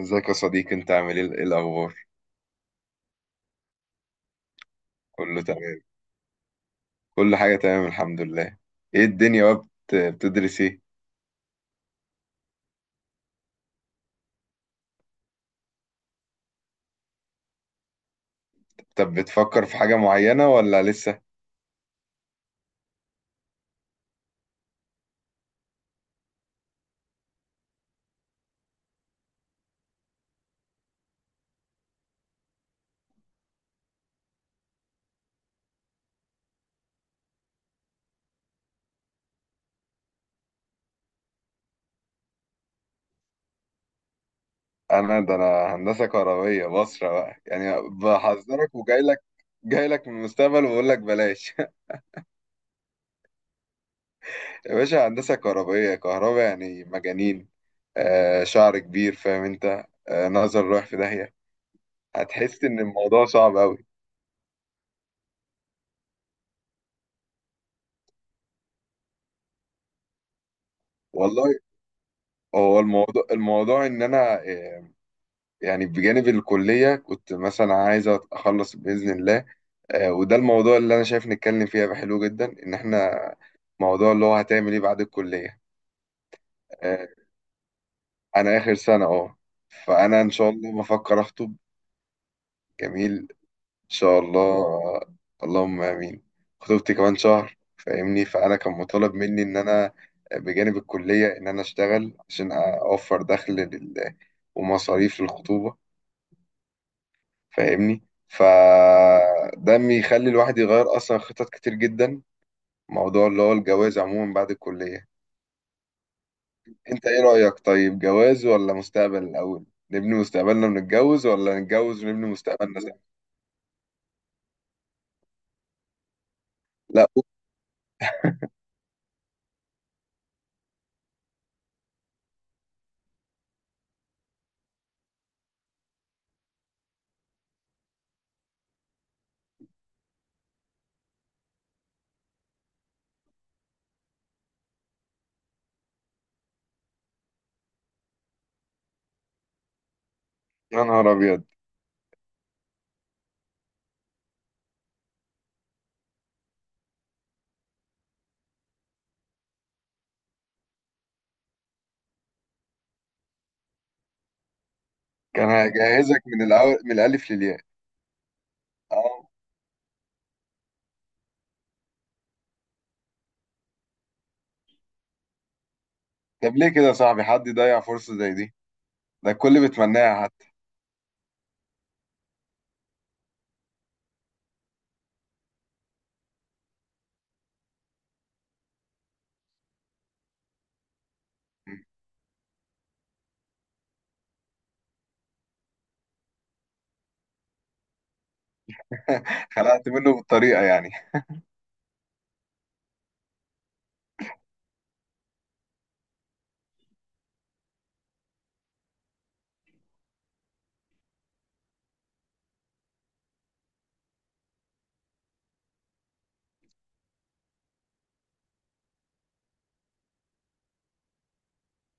ازيك يا صديقي؟ انت عامل ايه؟ ايه الاخبار؟ كله تمام. كل حاجه تمام، الحمد لله. ايه الدنيا بقى، بتدرس ايه؟ طب، بتفكر في حاجه معينه ولا لسه؟ انا، ده انا هندسه كهربيه، بصره بقى يعني، بحذرك وجاي لك. جاي لك من المستقبل وبقول لك بلاش. يا باشا، هندسه كهربيه، كهرباء يعني مجانين. شعر كبير، فاهم انت، نظر رايح في داهيه. هتحس ان الموضوع صعب قوي. والله، هو الموضوع، ان انا، يعني بجانب الكلية كنت مثلا عايز أخلص بإذن الله. وده الموضوع اللي أنا شايف نتكلم فيه هيبقى حلو جدا، إن إحنا موضوع اللي هو هتعمل إيه بعد الكلية. آه، أنا آخر سنة. فأنا إن شاء الله بفكر أخطب. جميل. إن شاء الله. اللهم آمين. خطوبتي كمان شهر، فاهمني؟ فأنا كان مطالب مني إن أنا، بجانب الكلية إن أنا أشتغل عشان أوفر دخل ومصاريف للخطوبة. فاهمني؟ فده بيخلي الواحد يغير اصلا خطط كتير جدا. موضوع اللي هو الجواز عموما بعد الكلية. انت ايه رأيك؟ طيب، جواز ولا مستقبل الاول؟ نبني مستقبلنا ونتجوز، ولا نتجوز ونبني مستقبلنا سوا؟ لا، أوف. يا نهار ابيض. كان هجهزك من الاول، من الالف للياء اه طب ليه كده يا صاحبي؟ حد يضيع فرصة زي دي؟ ده الكل بيتمناها حتى. خلقت منه بالطريقة يعني؟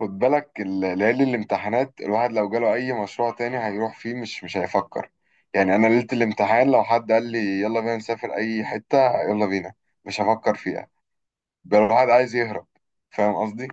خد بالك ليالي الامتحانات، الواحد لو جاله اي مشروع تاني هيروح فيه، مش هيفكر. يعني انا ليلة الامتحان لو حد قال لي يلا بينا نسافر اي حتة، يلا بينا، مش هفكر فيها. بقى الواحد عايز يهرب. فاهم قصدي؟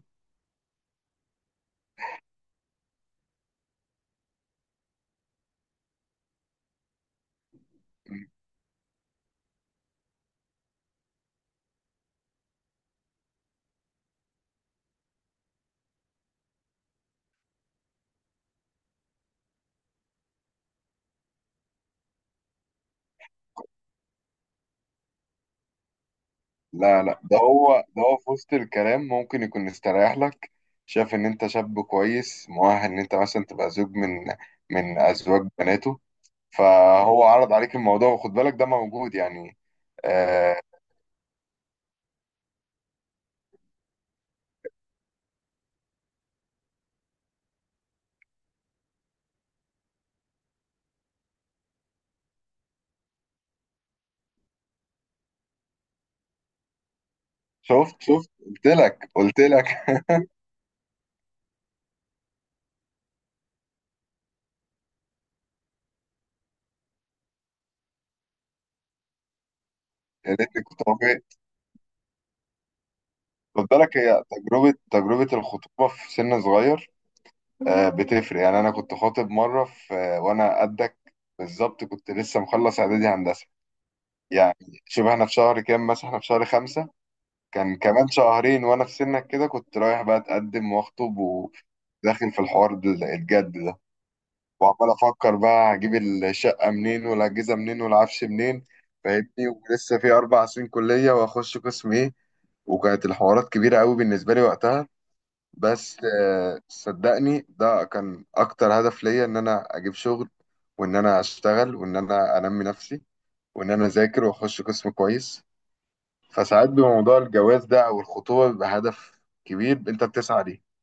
لا، لا، ده هو، في وسط الكلام ممكن يكون مستريح لك. شايف ان انت شاب كويس مؤهل ان انت مثلا تبقى زوج من ازواج بناته. فهو عرض عليك الموضوع، وخد بالك ده موجود يعني. آه، شفت شفت، قلت لك قلت لك. يا ريتني كنت موجود. خد بالك، هي تجربة الخطوبة في سن صغير. بتفرق يعني. أنا كنت خاطب مرة في، وأنا قدك بالظبط. كنت لسه مخلص إعدادي هندسة يعني. شبه إحنا في شهر كام مثلا؟ إحنا في شهر خمسة. كان كمان شهرين وأنا في سنك كده، كنت رايح بقى أتقدم وأخطب وداخل في الحوار الجد ده. وعمال أفكر بقى، هجيب الشقة منين والأجهزة منين والعفش منين؟ فاهمني؟ ولسه في 4 سنين كلية وأخش قسم إيه. وكانت الحوارات كبيرة قوي بالنسبة لي وقتها. بس صدقني ده كان أكتر هدف ليا، إن أنا أجيب شغل، وإن أنا أشتغل، وإن أنا أنمي نفسي، وإن أنا أذاكر وأخش قسم كويس. فساعات، بموضوع الجواز ده أو الخطوبة، بيبقى هدف كبير أنت بتسعى ليه.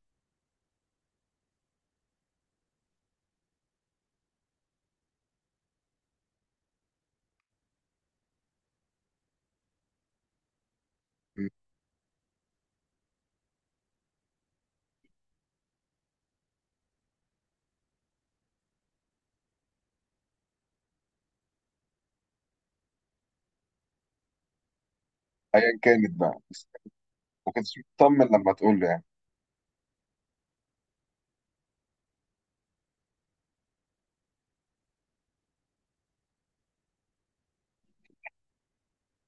أيا كانت بقى، بس. ما كنتش مطمن لما تقول له يعني.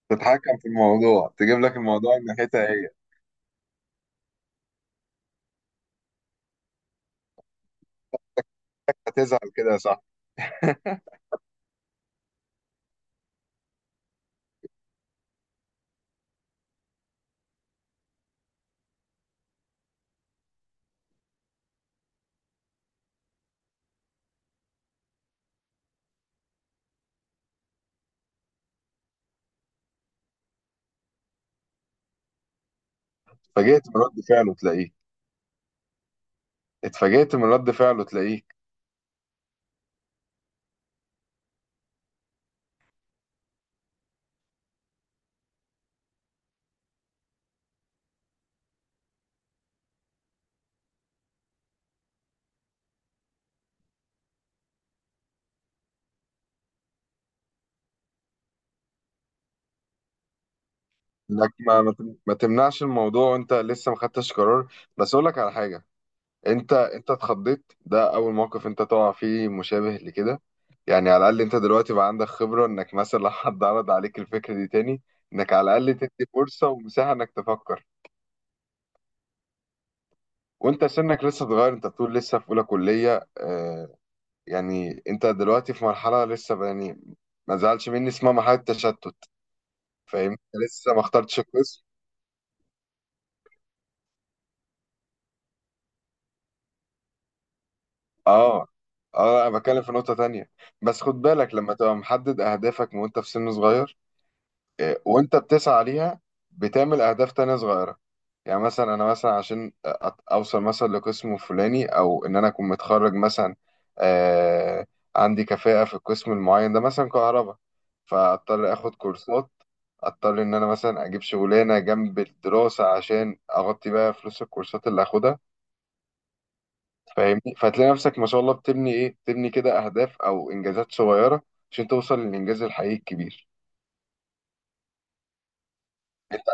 تتحكم في الموضوع، تجيب لك الموضوع من ناحيتها هي. هتزعل كده يا صاحبي. اتفاجئت من رد فعله تلاقيه اتفاجئت من رد فعله تلاقيه. انك ما تمنعش الموضوع وانت لسه ما خدتش قرار. بس اقول لك على حاجه. انت اتخضيت، ده اول موقف انت تقع فيه مشابه لكده. يعني على الاقل انت دلوقتي بقى عندك خبره، انك مثلا لو حد عرض عليك الفكره دي تاني، انك على الاقل تدي فرصه ومساحه انك تفكر. وانت سنك لسه صغير، انت بتقول لسه في اولى كليه. يعني انت دلوقتي في مرحله لسه يعني، ما زعلش مني، اسمها مرحله تشتت. فاهم؟ لسه ما اخترتش القسم. اه، اه، انا بتكلم في نقطة تانية. بس خد بالك، لما تبقى محدد اهدافك من وانت في سن صغير، وانت بتسعى ليها، بتعمل اهداف تانية صغيرة. يعني مثلا انا مثلا عشان اوصل مثلا لقسم فلاني، او ان انا اكون متخرج مثلا، آه عندي كفاءة في القسم المعين ده، مثلا كهرباء. فاضطر اخد كورسات. اضطر ان انا مثلا اجيب شغلانة جنب الدراسة عشان اغطي بقى فلوس الكورسات اللي هاخدها. فاهمني؟ فتلاقي نفسك ما شاء الله بتبني ايه، بتبني كده اهداف او انجازات صغيره، عشان توصل للانجاز الحقيقي الكبير.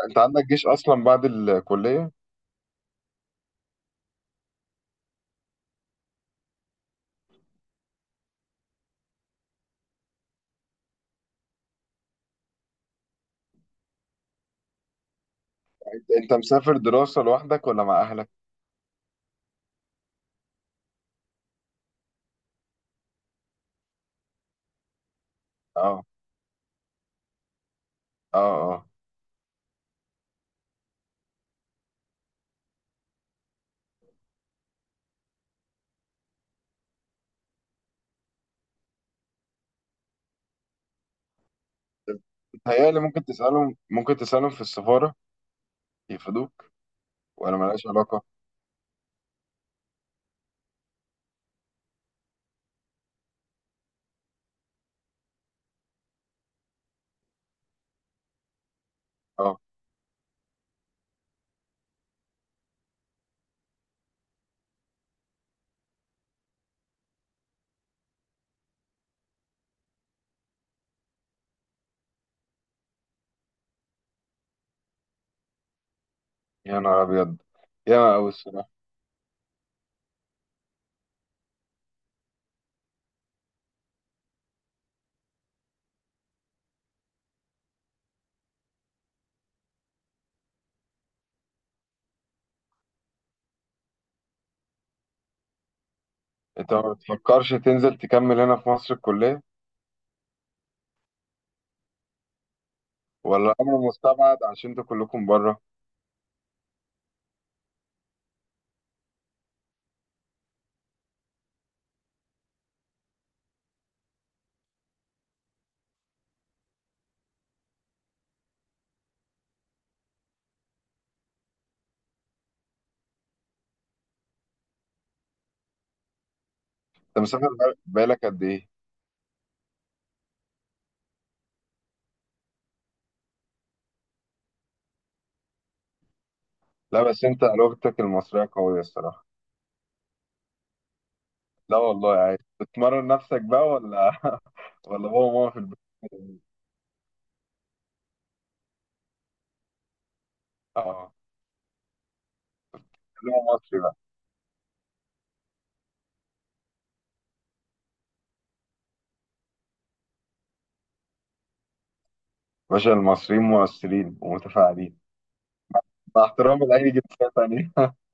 انت عندك جيش اصلا بعد الكليه. انت مسافر دراسه لوحدك ولا مع اهلك؟ اه. اه. اه. متهيألي ممكن تسالهم، ممكن تسالهم في السفاره، يفيدوك. ولا ملهاش علاقه؟ اه. يا نهار ابيض. ياما أوي الصراحه. انت ما بتفكرش تنزل تكمل هنا في مصر الكليه؟ ولا امر مستبعد عشان انتوا كلكم بره؟ انت مسافر بقالك قد ايه؟ لا، بس انت لغتك المصرية قوية الصراحة. لا والله، عايز بتمرن نفسك بقى ولا ولا هو ماما في البيت؟ اه. كلمة مصري بقى. باشا، المصريين مؤثرين ومتفاعلين. مع احترامي لأي جنسية تانية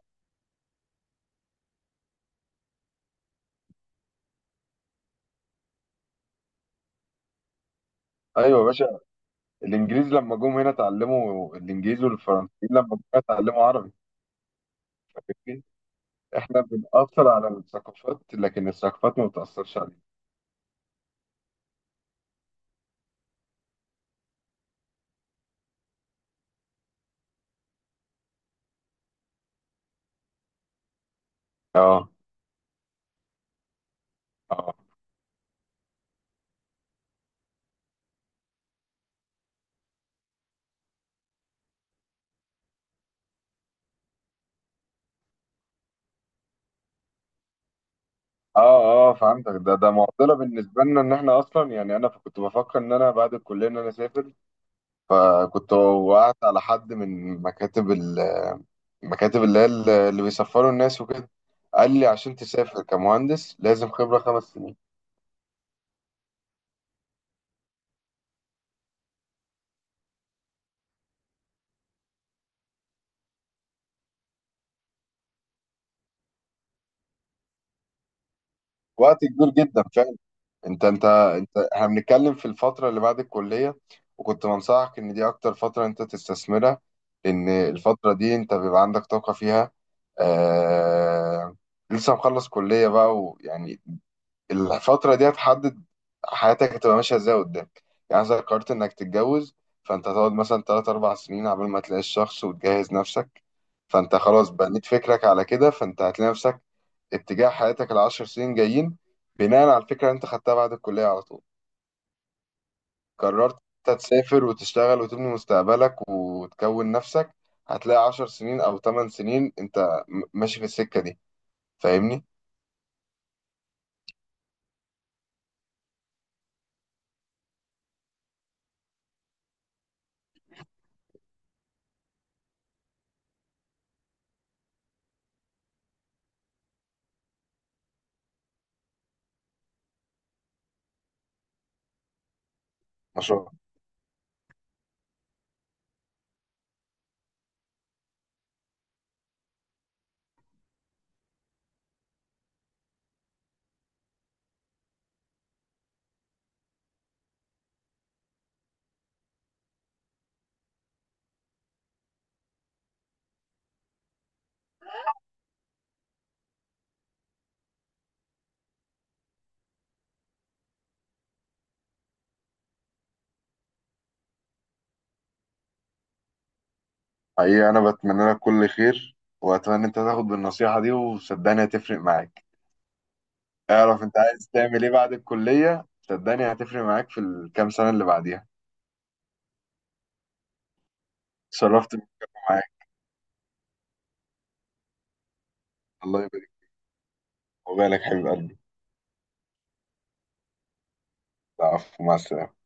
أيوة يا باشا. الإنجليز لما جم هنا اتعلموا الإنجليز، والفرنسيين لما جم هنا اتعلموا عربي. فاهمني؟ إحنا بنأثر على الثقافات، لكن الثقافات ما بتأثرش علينا. اه، اه، اه، اه، فهمتك. ده معضلة بالنسبة لنا، إن إحنا أصلا يعني، أنا كنت بفكر إن أنا بعد الكلية إن أنا أسافر. فكنت وقعت على حد من مكاتب المكاتب، اللي هي اللي بيسفروا الناس وكده. قال لي عشان تسافر كمهندس، لازم خبرة 5 سنين. وقت كبير جدا فعلا. انت احنا بنتكلم في الفترة اللي بعد الكلية، وكنت بنصحك ان دي اكتر فترة انت تستثمرها، لان الفترة دي انت بيبقى عندك طاقة فيها. آه... لسه مخلص كلية بقى ويعني، الفترة دي هتحدد حياتك هتبقى ماشية ازاي قدام. يعني إذا قررت انك تتجوز، فانت هتقعد مثلا تلات أربع سنين عبال ما تلاقي الشخص وتجهز نفسك. فانت خلاص بنيت فكرك على كده، فانت هتلاقي نفسك اتجاه حياتك العشر سنين جايين، بناء على الفكرة اللي انت خدتها بعد الكلية على طول. قررت انت تسافر وتشتغل وتبني مستقبلك وتكون نفسك، هتلاقي 10 سنين أو 8 سنين انت ماشي في السكة دي. فاهمني؟ مشروع. حقيقة، أنا بتمنى لك كل خير، وأتمنى أنت تاخد بالنصيحة دي، وصدقني هتفرق معاك. اعرف أنت عايز تعمل إيه بعد الكلية، صدقني هتفرق معاك في الكام سنة اللي بعديها. اتشرفت بالكلام معاك. الله يبارك، وبالك حبيب قلبي. العفو، مع السلامة.